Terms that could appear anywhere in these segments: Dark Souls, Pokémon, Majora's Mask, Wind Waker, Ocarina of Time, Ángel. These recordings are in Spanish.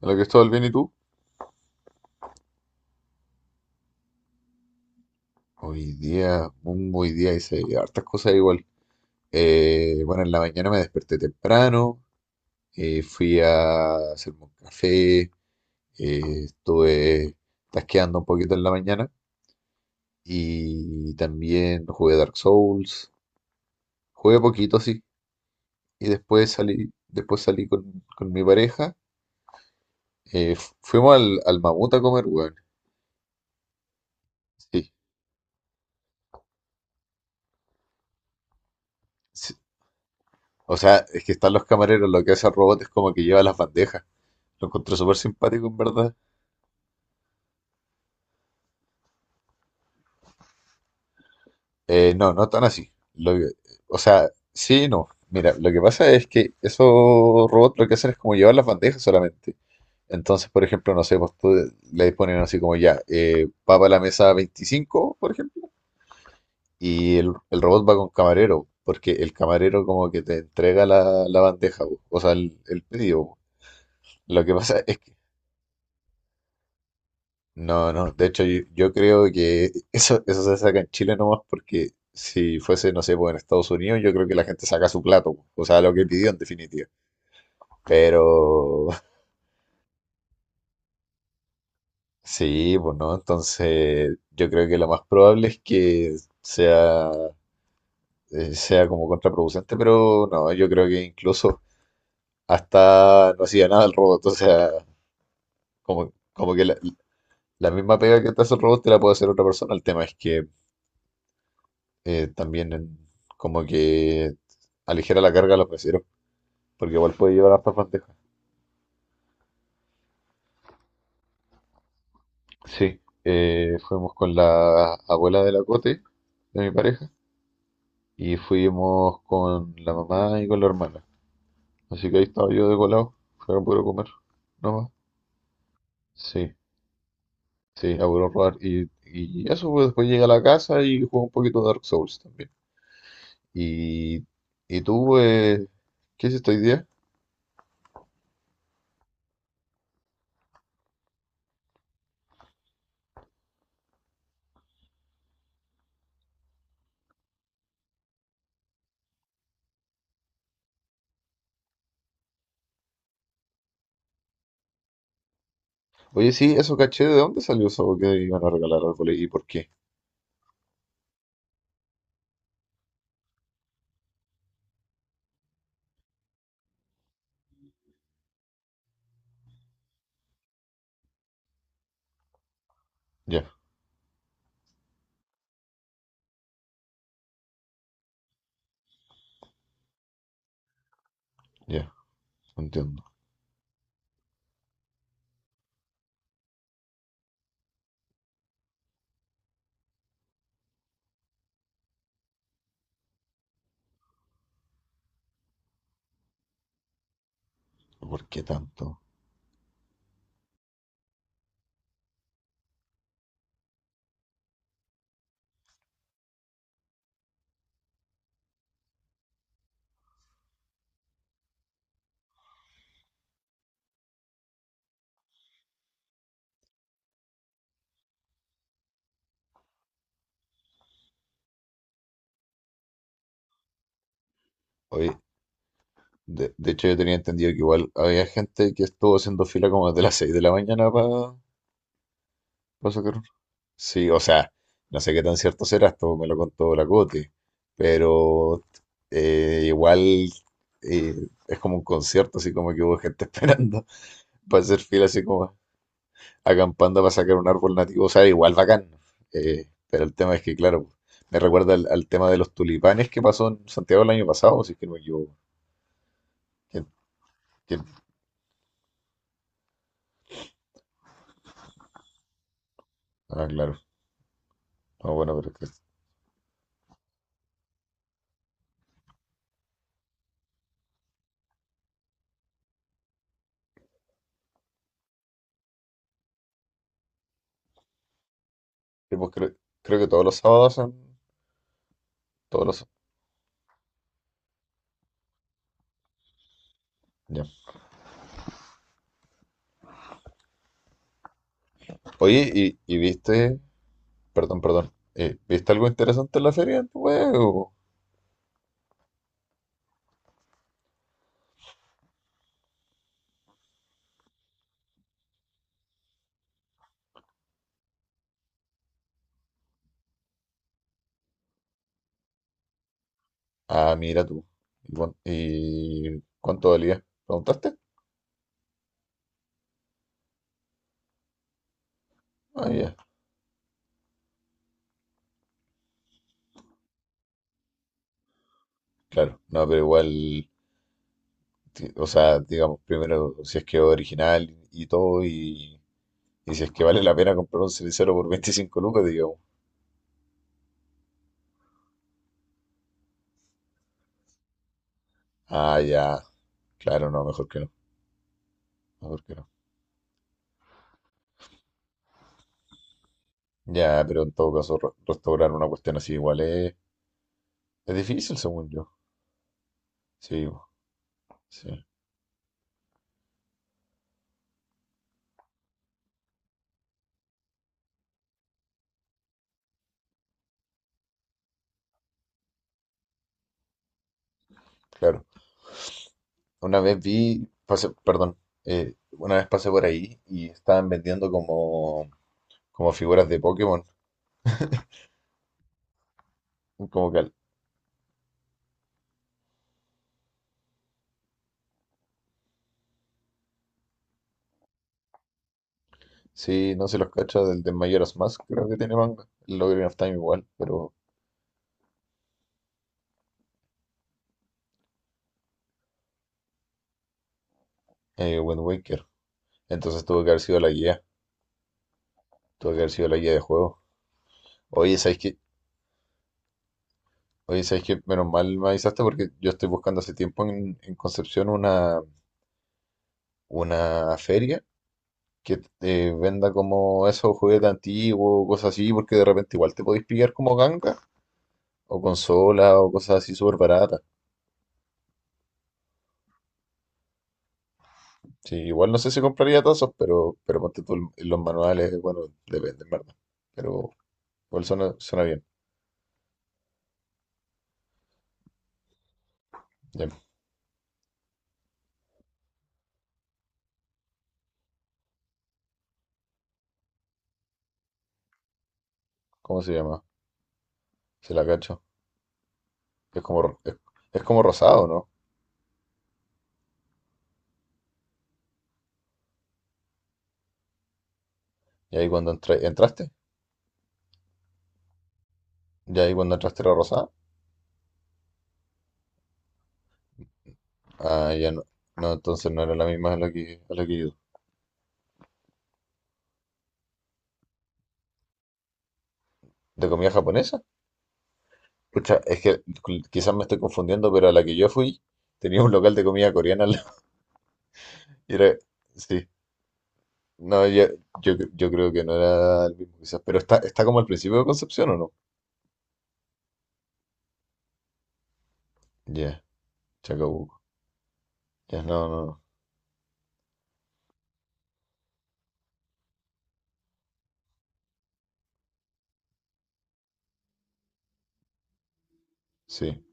Hola, Cristóbal, ¿bien y tú? Hoy día hice hartas cosas igual. Bueno, en la mañana me desperté temprano, fui a hacerme un café, estuve tasqueando un poquito en la mañana y también jugué Dark Souls, jugué poquito, sí, y después salí con mi pareja, fuimos al mamut a comer, weón. Sí, sí. O sea, es que están los camareros, lo que hace el robot es como que lleva las bandejas. Lo encontré súper simpático, en verdad. No, no tan así. O sea, sí, y no. Mira, lo que pasa es que esos robots lo que hacen es como llevar las bandejas solamente. Entonces, por ejemplo, no sé, pues tú le ponen así como ya, va para la mesa 25, por ejemplo, y el robot va con camarero, porque el camarero como que te entrega la bandeja, po, o sea, el pedido, po. Lo que pasa es que no, no, de hecho, yo creo que eso se saca en Chile nomás, porque si fuese, no sé, pues en Estados Unidos yo creo que la gente saca su plato, o sea, lo que pidió en definitiva. Pero sí, pues no, entonces yo creo que lo más probable es que sea, sea como contraproducente, pero no, yo creo que incluso hasta no hacía nada el robot, o sea, como que la misma pega que te hace el robot te la puede hacer otra persona, el tema es que también en- como que aligera la carga a los meseros, porque igual puede llevar hartas bandejas. Sí. Fuimos con la abuela de la Cote, de mi pareja, y fuimos con la mamá y con la hermana. Así que ahí estaba yo de colado, fue a puro comer, nomás. Sí, sí, a puro robar. Y eso, pues, después llegué a la casa y jugué un poquito de Dark Souls también. Y, y tú, ¿qué hiciste hoy día? Oye, sí, eso caché, ¿de dónde salió eso que iban a regalar árboles y por qué? Ya, ya, entiendo. ¿Por qué tanto? Oye, de hecho, yo tenía entendido que igual había gente que estuvo haciendo fila como desde las 6 de la mañana para sacar un- sí, o sea, no sé qué tan cierto será, esto me lo contó la Coti, pero igual eh, es como un concierto, así como que hubo gente esperando para hacer fila, así como Hagan Panda para sacar un árbol nativo, o sea, igual bacán. Pero el tema es que, claro, me recuerda al tema de los tulipanes que pasó en Santiago el año pasado, si es que no me equivoco. ¿Quién- ¿quién? Ah, claro. Ah, bueno, pero sí, pues creo, creo que todos los sábados son todos los... ya. Oye, ¿y viste? Perdón, perdón. ¿Viste algo interesante en la feria? Ah, mira tú. ¿Y cuánto valía? ¿Preguntaste? Ah, ya. Claro. No, pero igual... o sea, digamos, primero si es que es original y todo, y si es que vale la pena comprar un cenicero por 25 lucas, digamos. Ah, ya, claro, no, mejor que no. Ya, pero en todo caso, restaurar una cuestión así igual es difícil, según yo. Sí, bo, sí, claro. Una vez vi, pasé, perdón, una vez pasé por ahí y estaban vendiendo como figuras de Pokémon, como que al- sí, no se los cacha del de Majora's Mask, creo que tiene manga. El Ocarina of Time igual, pero Wind Waker. Entonces tuvo que haber sido la guía, tuvo que haber sido la guía de juego. Oye, ¿sabes qué? Oye, ¿sabes qué? Menos mal me avisaste, porque yo estoy buscando hace tiempo en Concepción una feria que venda como esos juguetes antiguos, cosas así, porque de repente igual te podéis pillar como ganga o consola o cosas así súper baratas. Sí, igual no sé si compraría tazos, pero ponte tú los manuales, bueno, depende, en verdad. Pero igual suena bien. Ya, ¿cómo se llama? Se la cacho. Es como, es, es como rosado, ¿no? Y ahí entraste, y ahí cuando entraste era rosada. Ah, ya no. No, entonces no era la misma a a la que yo. ¿De comida japonesa? Pucha, es que quizás me estoy confundiendo, pero a la que yo fui tenía un local de comida coreana al lado. Y era, sí. No, ya- yo, cre- yo creo que no era el mismo, quizás. Pero está como al principio de Concepción, ¿o no? Ya, Chacabuco. Ya, no, no, no. Sí.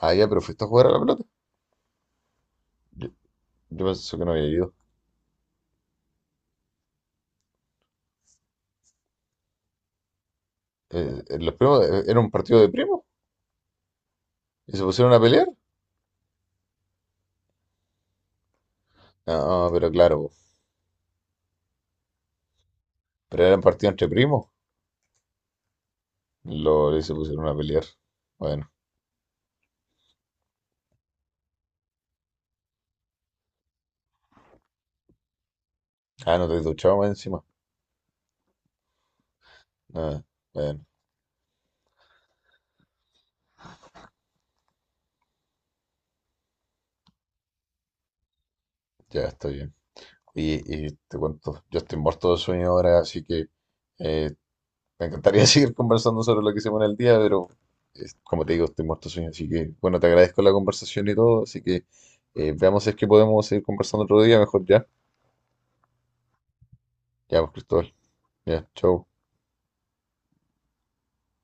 Ah, ya, pero fuiste a jugar a la pelota. Yo, yo pensé que no había ido. Los primos, ¿era un partido de primos? ¿Y se pusieron a pelear? Ah, pero claro, po. Pero eran partido entre primos. Lo, y se pusieron a pelear. Bueno. Ah, no te he duchado más encima. Ah, bueno, ya estoy bien. Y te cuento, yo estoy muerto de sueño ahora, así que eh, me encantaría seguir conversando sobre lo que hicimos en el día, pero como te digo, estoy muerto de sueño, así que bueno, te agradezco la conversación y todo, así que veamos si es que podemos seguir conversando otro día, mejor ya. Ya, pues, Cristóbal. Ya, chau.